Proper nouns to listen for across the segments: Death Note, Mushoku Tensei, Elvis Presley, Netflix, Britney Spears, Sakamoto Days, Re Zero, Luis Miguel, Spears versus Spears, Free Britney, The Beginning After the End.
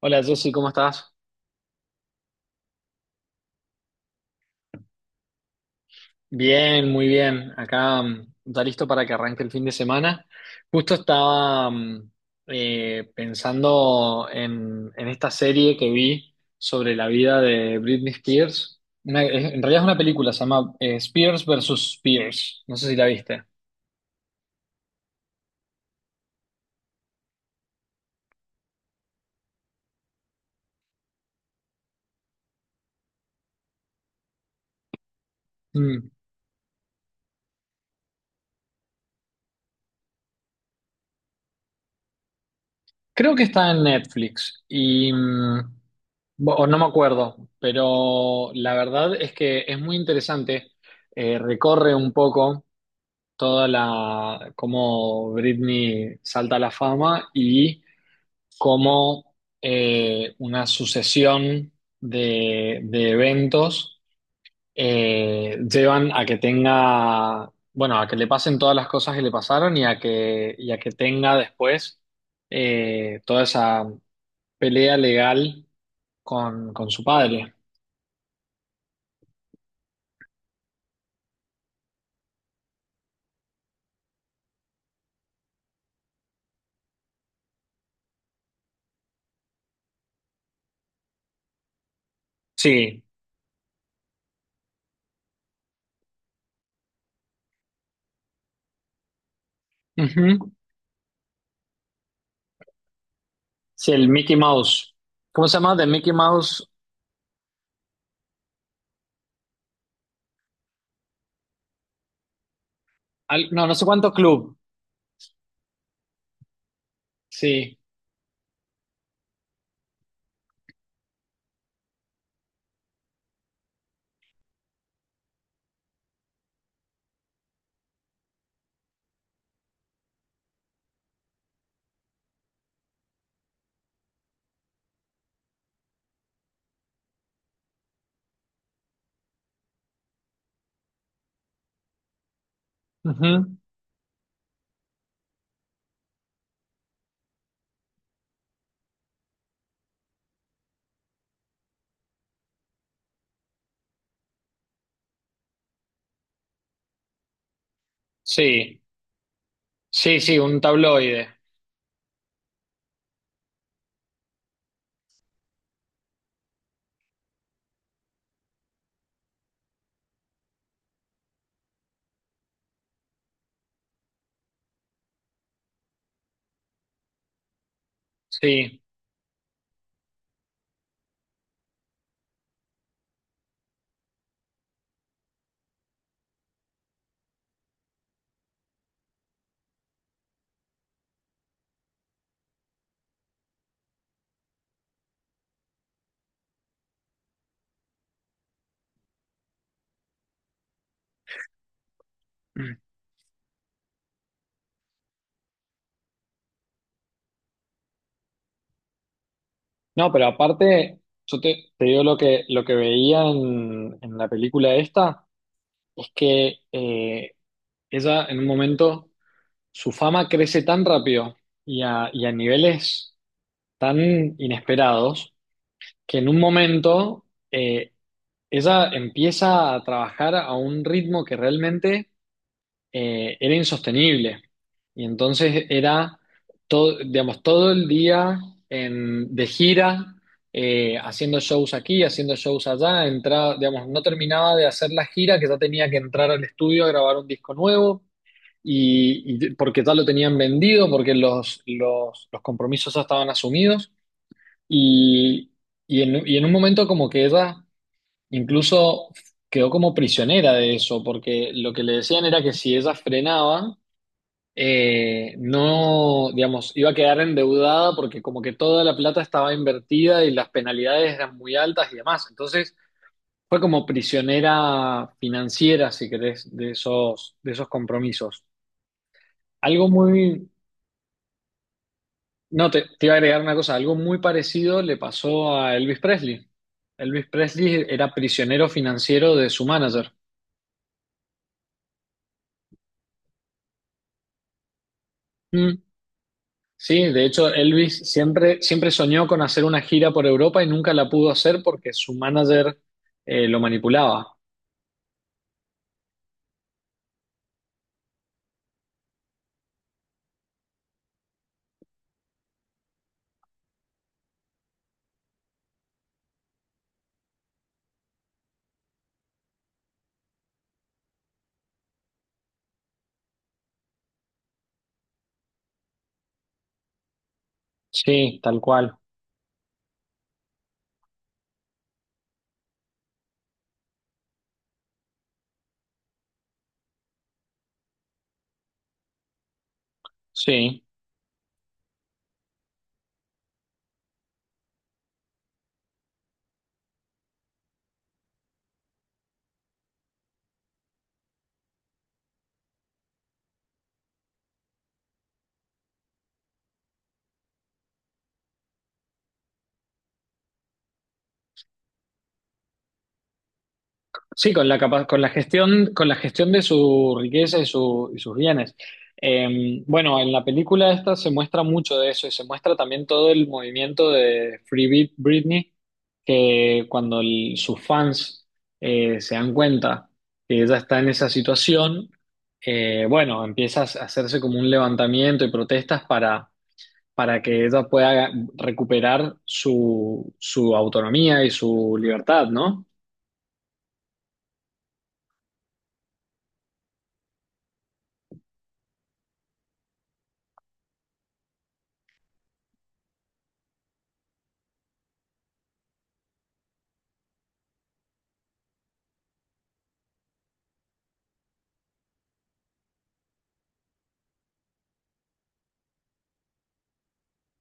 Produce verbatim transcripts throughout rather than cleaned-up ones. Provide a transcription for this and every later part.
Hola Jessy, ¿cómo estás? Bien, muy bien. Acá mm, ya listo para que arranque el fin de semana. Justo estaba mm, eh, pensando en, en esta serie que vi sobre la vida de Britney Spears. Una- es- en realidad es una película, se llama eh, Spears versus Spears. No sé si la viste. Mm. Creo que está en Netflix y mm, bo- o no me acuerdo, pero la verdad es que es muy interesante. Eh, recorre un poco toda la, cómo Britney salta a la fama y cómo eh, una sucesión de, de eventos eh, llevan a que tenga, bueno, a que le pasen todas las cosas que le pasaron y a que, y a que tenga después eh, toda esa pelea legal con, con su padre. Sí. Ujú. Sí, el Mickey Mouse. ¿Cómo se llama? The Mickey Mouse. Al- no, no sé cuánto club. Sí. Ujú. Sí, sí, sí, un tabloide. Sí. No, pero aparte, yo te, te digo lo que, lo que veía en, en la película esta, es que eh, ella en un momento, su fama crece tan rápido y a, y a niveles tan inesperados, que en un momento eh, ella empieza a trabajar a un ritmo que realmente eh, era insostenible. Y entonces era todo, digamos, todo el día en- de gira, eh, haciendo shows aquí, haciendo shows allá, entraba, digamos, no terminaba de hacer la gira, que ya tenía que entrar al estudio a grabar un disco nuevo, y, y porque ya lo tenían vendido, porque los, los, los compromisos ya estaban asumidos, y, y en, y en un momento como que ella incluso quedó como prisionera de eso, porque lo que le decían era que si ella frenaba, eh, no, digamos, iba a quedar endeudada porque como que toda la plata estaba invertida y las penalidades eran muy altas y demás. Entonces fue como prisionera financiera, si querés, de esos, de esos compromisos. Algo muy, no, te, te iba a agregar una cosa, algo muy parecido le pasó a Elvis Presley. Elvis Presley era prisionero financiero de su manager. Mm. Sí, de hecho, Elvis siempre, siempre soñó con hacer una gira por Europa y nunca la pudo hacer porque su manager eh, lo manipulaba. Sí, tal cual. Sí. Sí, con la capa- con la gestión, con la gestión de su riqueza y, su- y sus bienes. Eh, bueno, en la película esta se muestra mucho de eso y se muestra también todo el movimiento de Free Brit- Britney, que cuando el- sus fans eh, se dan cuenta que ella está en esa situación, eh, bueno, empieza a hacerse como un levantamiento y protestas para, para que ella pueda recuperar su, su autonomía y su libertad, ¿no?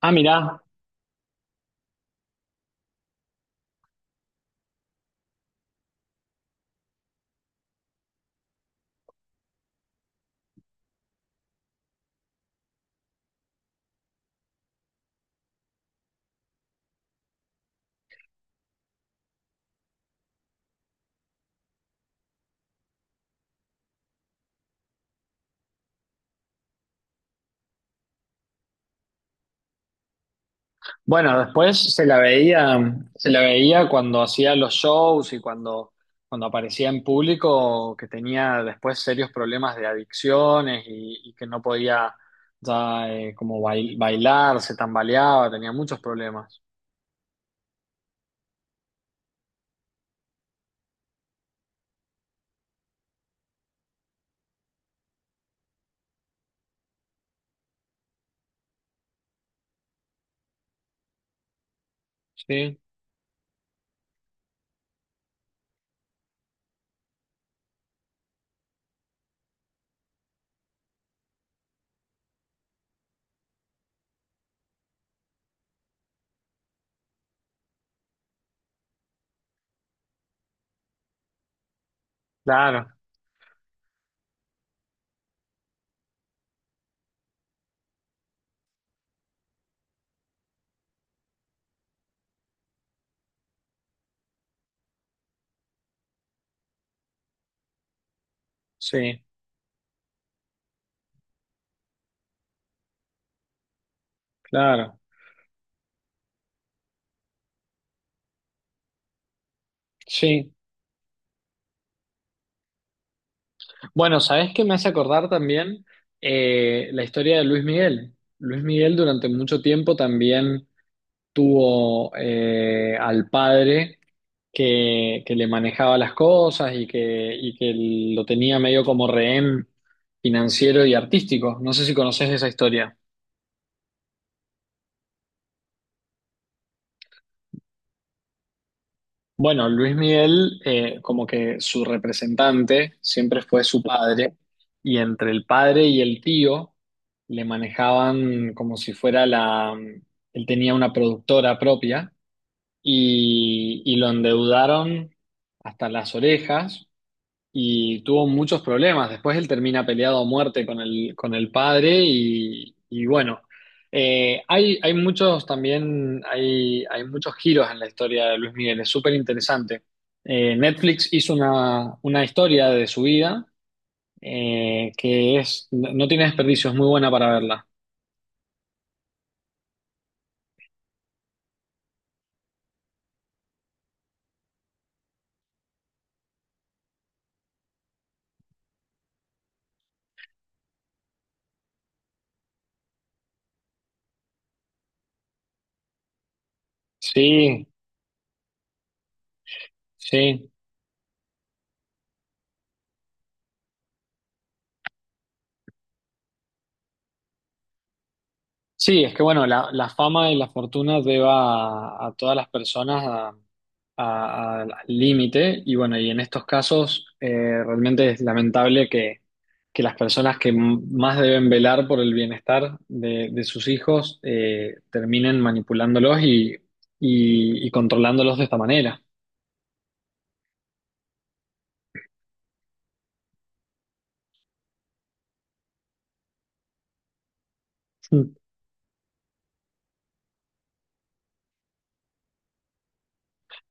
Ah, mirá. Bueno, después se la veía, se la veía cuando hacía los shows y cuando, cuando aparecía en público, que tenía después serios problemas de adicciones y, y que no podía ya eh, como bail- bailar, se tambaleaba, tenía muchos problemas. Sí, claro, sí, claro, sí. Bueno, ¿sabés qué me hace acordar también eh, la historia de Luis Miguel? Luis Miguel durante mucho tiempo también tuvo eh, al padre que, que le manejaba las cosas y que, y que lo tenía medio como rehén financiero y artístico. No sé si conoces esa historia. Bueno, Luis Miguel, eh, como que su representante siempre fue su padre, y entre el padre y el tío le manejaban como si fuera la... Él tenía una productora propia y, y lo endeudaron hasta las orejas y tuvo muchos problemas. Después él termina peleado a muerte con el, con el padre y, y bueno, eh, hay, hay muchos también, hay, hay muchos giros en la historia de Luis Miguel, es súper interesante. Eh, Netflix hizo una, una historia de su vida eh, que es, no no tiene desperdicio, es muy buena para verla. Sí, sí. Sí, es que bueno, la, la fama y la fortuna lleva a, a todas las personas a, a- al límite y bueno, y en estos casos eh, realmente es lamentable que, que las personas que m- más deben velar por el bienestar de, de sus hijos eh, terminen manipulándolos y, y, y controlándolos de esta manera.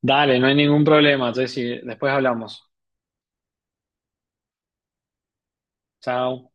Dale, no hay ningún problema, Jessy, después hablamos. Chao.